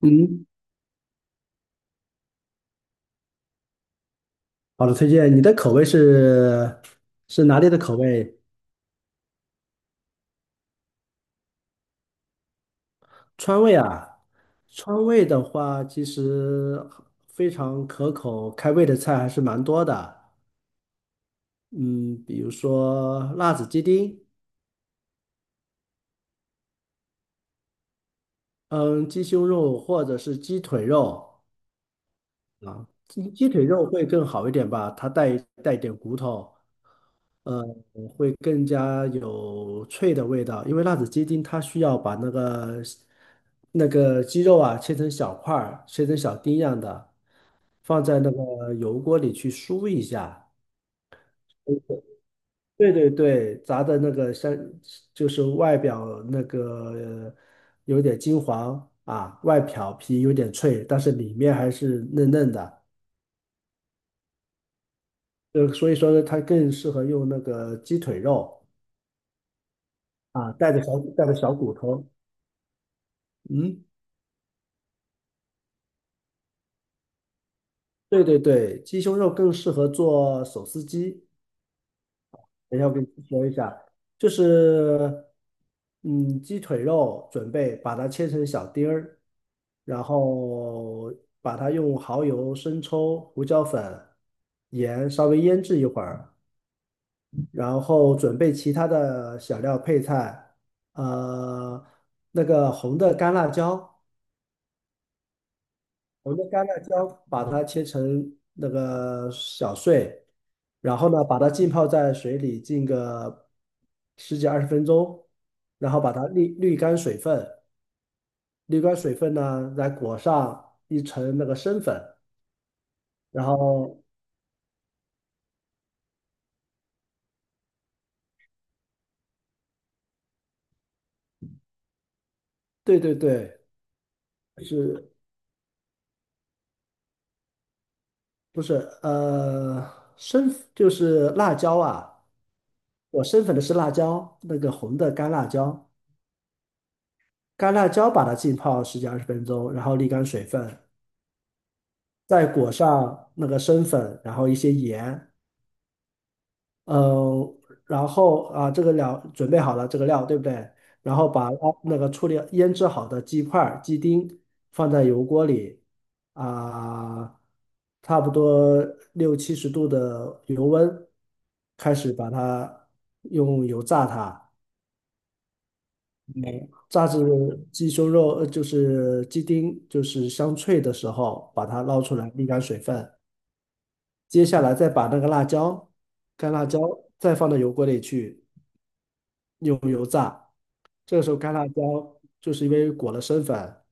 嗯，好的，推荐你的口味是是哪里的口味？川味啊，川味的话，其实非常可口，开胃的菜还是蛮多的。嗯，比如说辣子鸡丁，嗯，鸡胸肉或者是鸡腿肉，啊，鸡腿肉会更好一点吧，它带点骨头，呃，会更加有脆的味道。因为辣子鸡丁它需要把那个鸡肉啊切成小块儿，切成小丁样的，放在那个油锅里去酥一下。呃对对对，炸的那个像就是外表那个有点金黄啊，外表皮有点脆，但是里面还是嫩嫩的。所以说呢，它更适合用那个鸡腿肉啊，带着小骨头。嗯，对对对，鸡胸肉更适合做手撕鸡。等一下我给你说一下，就是嗯，鸡腿肉准备把它切成小丁儿，然后把它用蚝油、生抽、胡椒粉、盐稍微腌制一会儿，然后准备其他的小料配菜，呃，那个红的干辣椒。我们的干辣椒把它切成那个小碎，然后呢，把它浸泡在水里浸个十几二十分钟，然后把它沥干水分，沥干水分呢，再裹上一层那个生粉，然后对对对，是不是生就是辣椒啊？我生粉的是辣椒，那个红的干辣椒，干辣椒把它浸泡十几二十分钟，然后沥干水分。再裹上那个生粉，然后一些盐，嗯，然后啊，这个料准备好了，这个料对不对？然后把捞那个处理腌制好的鸡块儿、鸡丁放在油锅里，啊，差不多六七十度的油温，开始把它用油炸它，嗯炸至鸡胸肉，就是鸡丁就是香脆的时候，把它捞出来沥干水分。接下来再把那个辣椒，干辣椒再放到油锅里去，用油炸。这个时候干辣椒就是因为裹了生粉，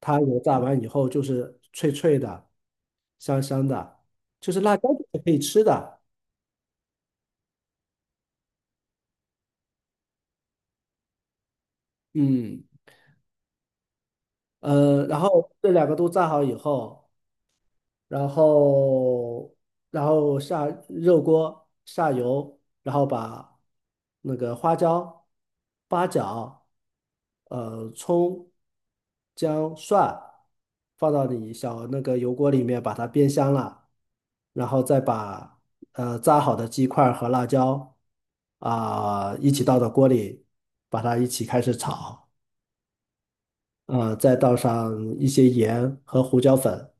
它油炸完以后就是脆脆的、香香的，就是辣椒就是可以吃的。嗯，然后这两个都炸好以后。然后下热锅下油，然后把那个花椒、八角、葱、姜、蒜放到你小那个油锅里面，把它煸香了，然后再把炸好的鸡块和辣椒啊、一起倒到锅里，把它一起开始炒，再倒上一些盐和胡椒粉。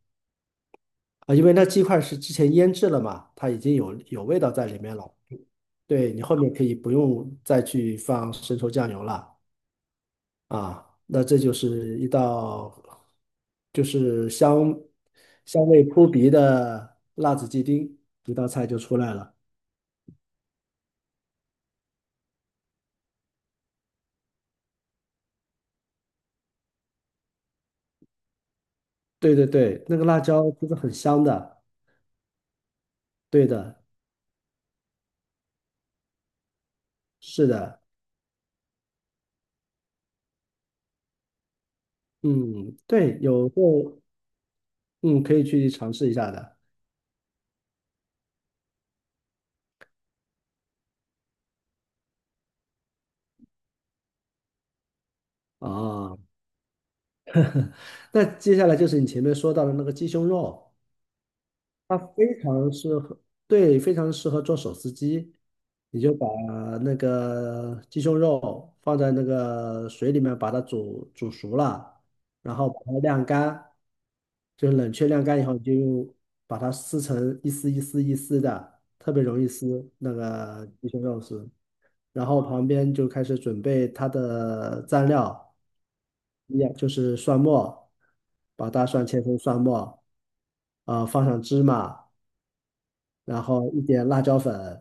啊，因为那鸡块是之前腌制了嘛，它已经有味道在里面了。对，你后面可以不用再去放生抽酱油了啊。那这就是一道就是香味扑鼻的辣子鸡丁，一道菜就出来了。对对对，那个辣椒其实很香的。对的，是的，嗯，对，有空嗯可以去尝试一下的啊。那接下来就是你前面说到的那个鸡胸肉。它非常适合，对，非常适合做手撕鸡。你就把那个鸡胸肉放在那个水里面，把它煮熟了，然后把它晾干，就是冷却晾干以后，你就用把它撕成一丝一丝一丝的，特别容易撕那个鸡胸肉丝。然后旁边就开始准备它的蘸料，一样就是蒜末，把大蒜切成蒜末，啊、放上芝麻。然后一点辣椒粉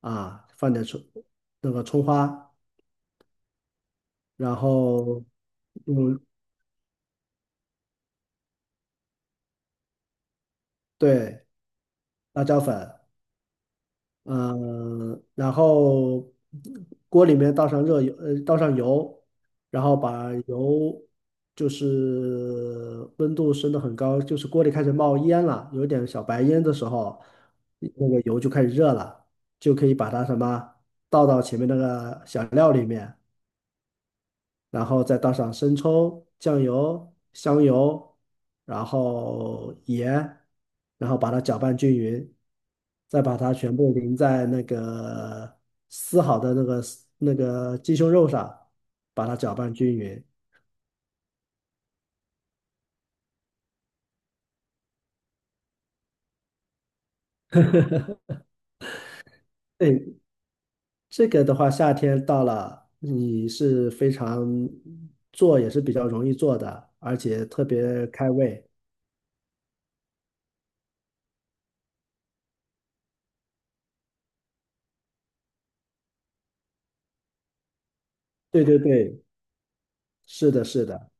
啊，放点葱那个葱花，然后嗯，对辣椒粉，嗯、然后锅里面倒上热油，倒上油，然后把油就是温度升得很高，就是锅里开始冒烟了，有点小白烟的时候，那个油就开始热了，就可以把它什么倒到前面那个小料里面。然后再倒上生抽、酱油、香油，然后盐，然后把它搅拌均匀，再把它全部淋在那个撕好的那个鸡胸肉上，把它搅拌均匀。对，这个的话，夏天到了，你是非常做也是比较容易做的，而且特别开胃。对对对，是的，是的，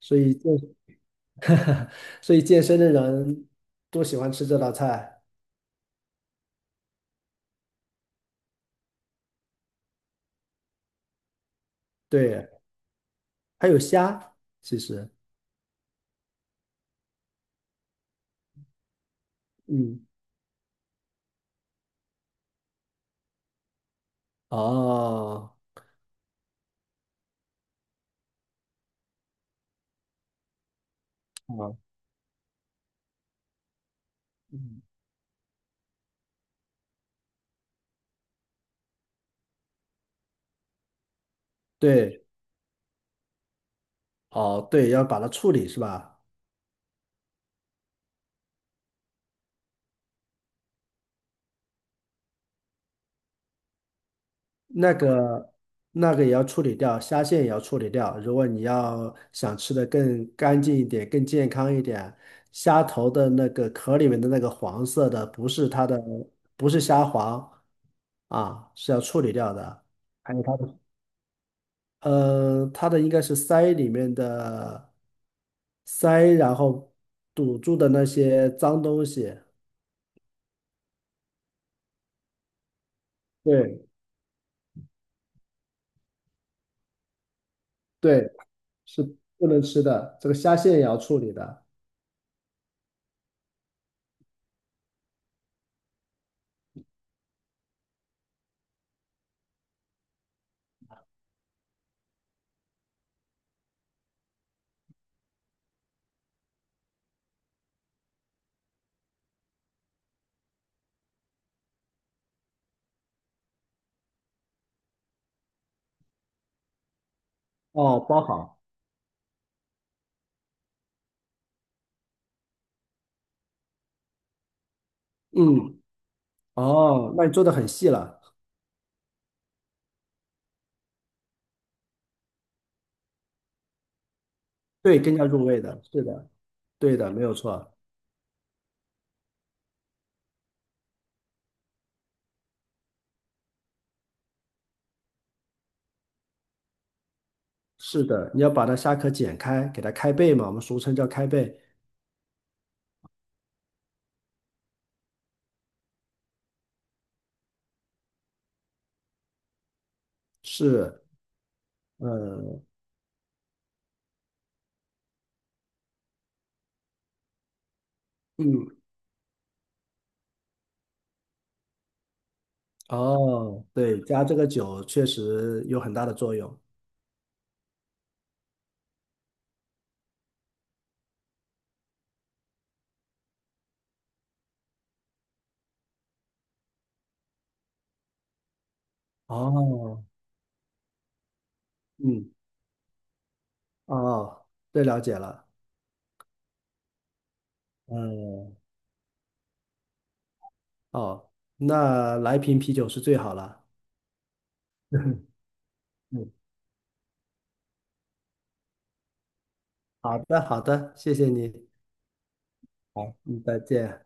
所以这所以健身的人都喜欢吃这道菜。对，还有虾，其实，嗯，哦，哦，嗯，对，哦，对，要把它处理是吧？那个那个也要处理掉，虾线也要处理掉。如果你要想吃的更干净一点、更健康一点，虾头的那个壳里面的那个黄色的，不是它的，不是虾黄啊，是要处理掉的。还有它的应该是鳃里面的鳃，然后堵住的那些脏东西。对对，是不能吃的。这个虾线也要处理的。哦，包好。嗯，哦，那你做的很细了。对，更加入味的。是的，对的，没有错。是的，你要把它虾壳剪开，给它开背嘛，我们俗称叫开背。是，呃，嗯，哦，对，加这个酒确实有很大的作用。哦，嗯。哦，这了解了。嗯，哦，那来瓶啤酒是最好了。嗯，好的，好的，谢谢你。好，嗯，再见。